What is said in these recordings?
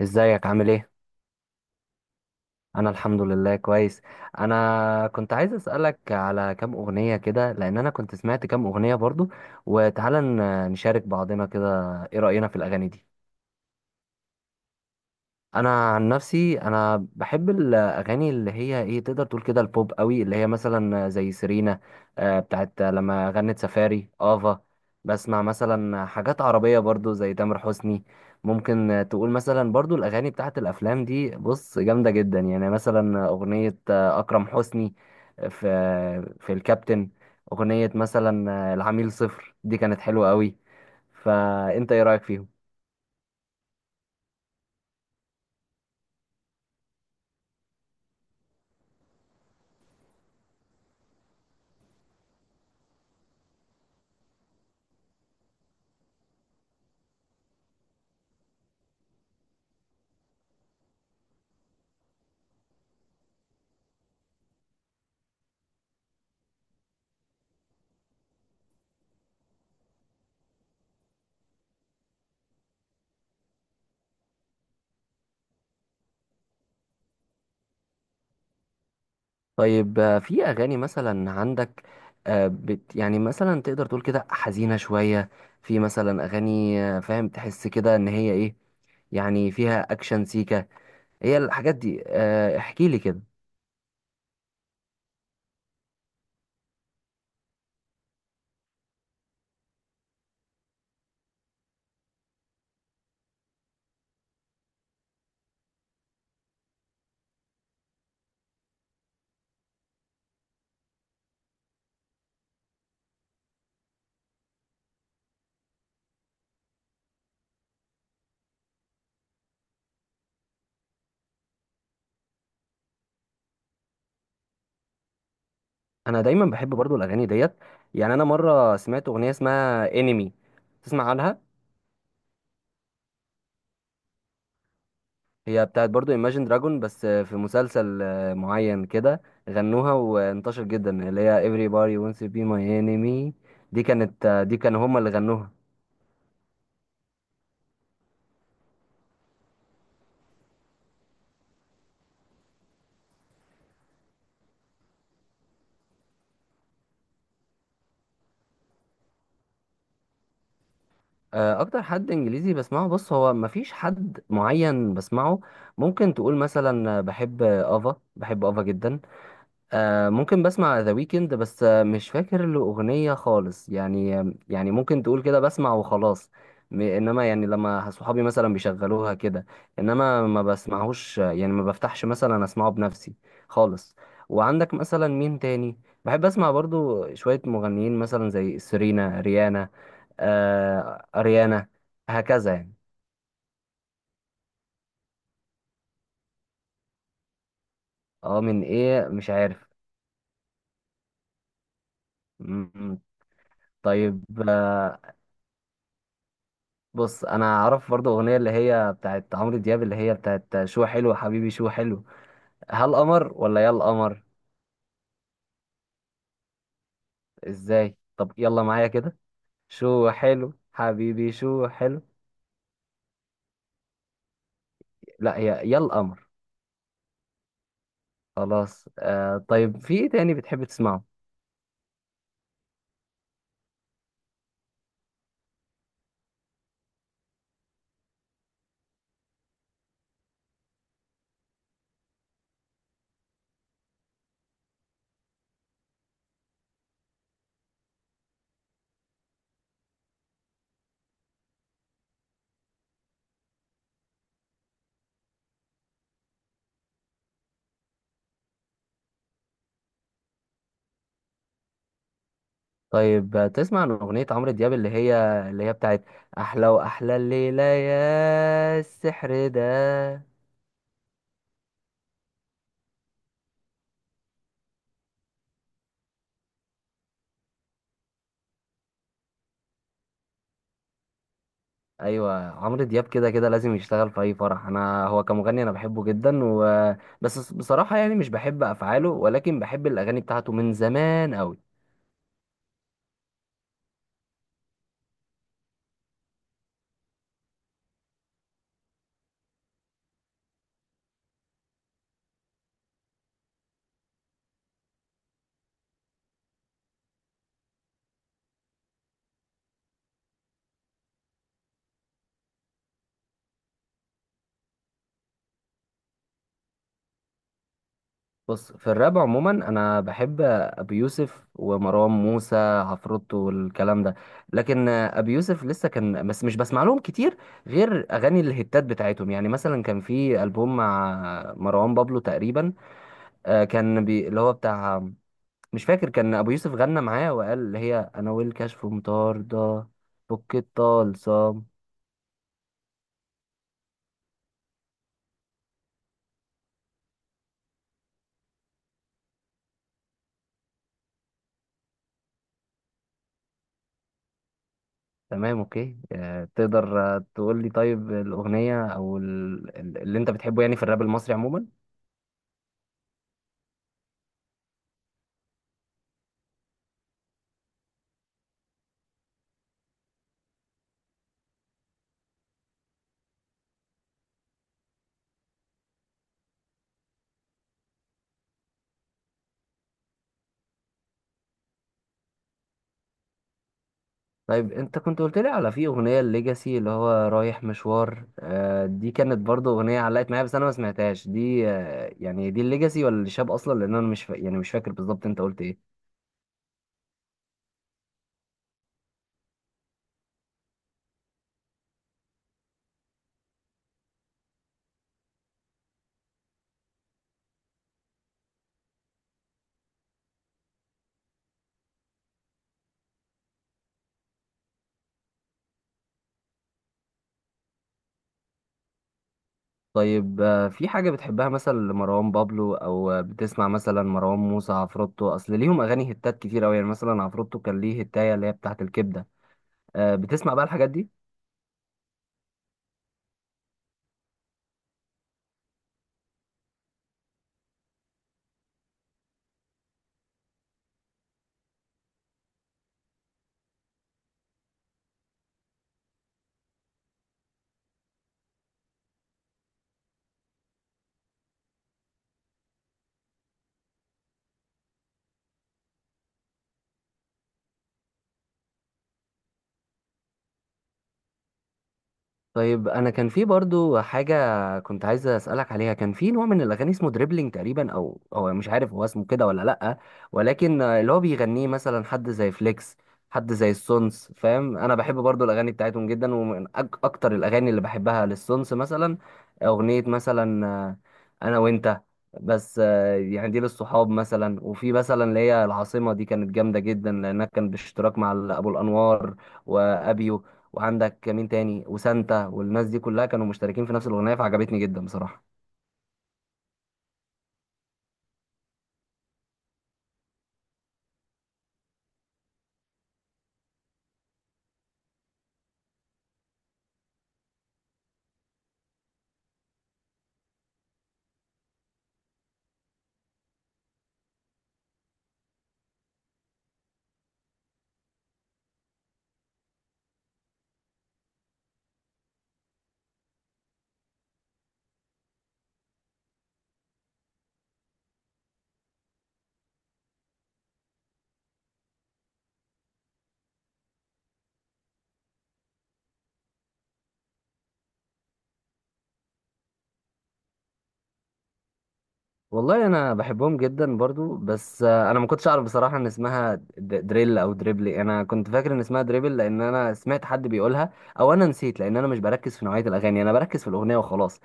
ازيك؟ عامل ايه؟ انا الحمد لله كويس. انا كنت عايز اسالك على كام اغنيه كده، لان انا كنت سمعت كام اغنيه برضو، وتعالى نشارك بعضنا كده. ايه راينا في الاغاني دي؟ انا عن نفسي، انا بحب الاغاني اللي هي ايه، تقدر تقول كده البوب قوي، اللي هي مثلا زي سيرينا، بتاعت لما غنت سفاري افا. بسمع مثلا حاجات عربية برضو زي تامر حسني. ممكن تقول مثلا برضو الاغاني بتاعت الافلام دي بص جامدة جدا، يعني مثلا اغنية اكرم حسني، في الكابتن. اغنية مثلا العميل صفر دي كانت حلوة قوي. فانت ايه رأيك فيهم؟ طيب، في اغاني مثلا عندك يعني مثلا تقدر تقول كده حزينه شويه؟ في مثلا اغاني فاهم، تحس كده ان هي ايه، يعني فيها اكشن سيكا. هي الحاجات دي، احكي لي كده. انا دايما بحب برضو الاغاني ديت. يعني انا مره سمعت اغنيه اسمها انمي، تسمع عنها؟ هي بتاعت برضو Imagine دراجون، بس في مسلسل معين كده غنوها وانتشر جدا، اللي هي everybody wants to be my enemy. دي كانت آه، دي كانوا هما اللي غنوها. اكتر حد انجليزي بسمعه، بص، هو مفيش حد معين بسمعه. ممكن تقول مثلا بحب افا، بحب افا جدا. ممكن بسمع ذا ويكند، بس مش فاكر له أغنية خالص، يعني يعني ممكن تقول كده بسمع وخلاص. انما يعني لما صحابي مثلا بيشغلوها كده، انما ما بسمعهوش، يعني ما بفتحش مثلا اسمعه بنفسي خالص. وعندك مثلا مين تاني؟ بحب اسمع برضو شوية مغنيين مثلا زي سيرينا ريانا، اريانا، هكذا يعني. اه، من ايه؟ مش عارف. م- م. طيب، بص، انا اعرف برضو اغنيه اللي هي بتاعت عمرو دياب، اللي هي بتاعت شو حلو حبيبي شو حلو. هل قمر ولا يا القمر؟ ازاي؟ طب يلا معايا كده: شو حلو حبيبي شو حلو. لا، هي يا القمر. خلاص، طيب. في ايه تاني بتحب تسمعه؟ طيب، تسمع عن اغنيه عمرو دياب اللي هي بتاعت احلى واحلى الليله يا السحر ده؟ ايوه، عمرو دياب كده كده لازم يشتغل في اي فرح. انا هو كمغني انا بحبه جدا، بس بصراحه يعني مش بحب افعاله، ولكن بحب الاغاني بتاعته من زمان قوي. بص، في الراب عموما انا بحب ابي يوسف ومروان موسى عفروتو والكلام ده. لكن ابي يوسف لسه كان، بس مش بسمع لهم كتير غير اغاني الهتات بتاعتهم، يعني مثلا كان في البوم مع مروان بابلو تقريبا، كان اللي هو بتاع، مش فاكر. كان ابو يوسف غنى معاه وقال اللي هي انا والكشف مطاردة، فك الطلسم. تمام، اوكي. تقدر تقول لي طيب الاغنيه او اللي انت بتحبه يعني في الراب المصري عموما؟ طيب، انت كنت قلت لي على في اغنيه الليجاسي اللي هو رايح مشوار. دي كانت برضو اغنيه علقت معايا، بس انا ما سمعتهاش دي. يعني دي الليجاسي ولا الشاب اصلا؟ لان انا مش يعني مش فاكر بالظبط انت قلت ايه. طيب، في حاجة بتحبها مثلا لمروان بابلو، أو بتسمع مثلا مروان موسى عفروتو؟ أصل ليهم أغاني هتات كتير أوي، يعني مثلا عفروتو كان ليه هتاية اللي هي بتاعة الكبدة. بتسمع بقى الحاجات دي؟ طيب، انا كان في برضو حاجه كنت عايز اسالك عليها. كان في نوع من الاغاني اسمه دريبلينج تقريبا، او مش عارف هو اسمه كده ولا لا، ولكن اللي هو بيغنيه مثلا حد زي فليكس، حد زي السونس. فاهم؟ انا بحب برضو الاغاني بتاعتهم جدا، ومن اكتر الاغاني اللي بحبها للسونس مثلا اغنيه، مثلا انا وانت، بس يعني دي للصحاب مثلا. وفي مثلا اللي هي العاصمه، دي كانت جامده جدا لانها كان باشتراك مع ابو الانوار وابيو وعندك مين تاني وسانتا، والناس دي كلها كانوا مشتركين في نفس الاغنيه، فعجبتني جدا بصراحه. والله، انا بحبهم جدا برضو، بس انا ما كنتش اعرف بصراحه ان اسمها دريل او دريبلي. انا كنت فاكر ان اسمها دريبل لان انا سمعت حد بيقولها، او انا نسيت لان انا مش بركز في نوعيه الاغاني، انا بركز في الاغنيه وخلاص.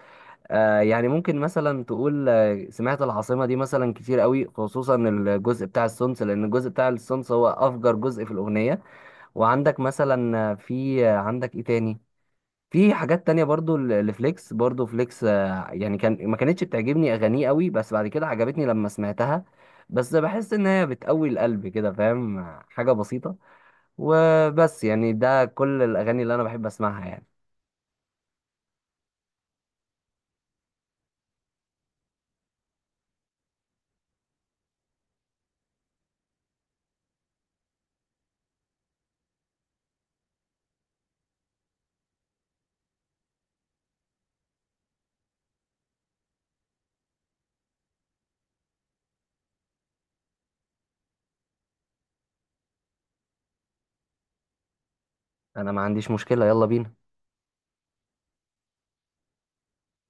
يعني ممكن مثلا تقول سمعت العاصمه دي مثلا كتير قوي، خصوصا الجزء بتاع السونس، لان الجزء بتاع السونس هو افجر جزء في الاغنيه. وعندك مثلا في عندك ايه تاني؟ في حاجات تانية برضو لفليكس. برضو فليكس يعني كان ما كانتش بتعجبني أغانيه قوي، بس بعد كده عجبتني لما سمعتها، بس بحس إن هي بتقوي القلب كده. فاهم؟ حاجة بسيطة، وبس. يعني ده كل الأغاني اللي أنا بحب أسمعها يعني. أنا ما عنديش مشكلة، يلا بينا.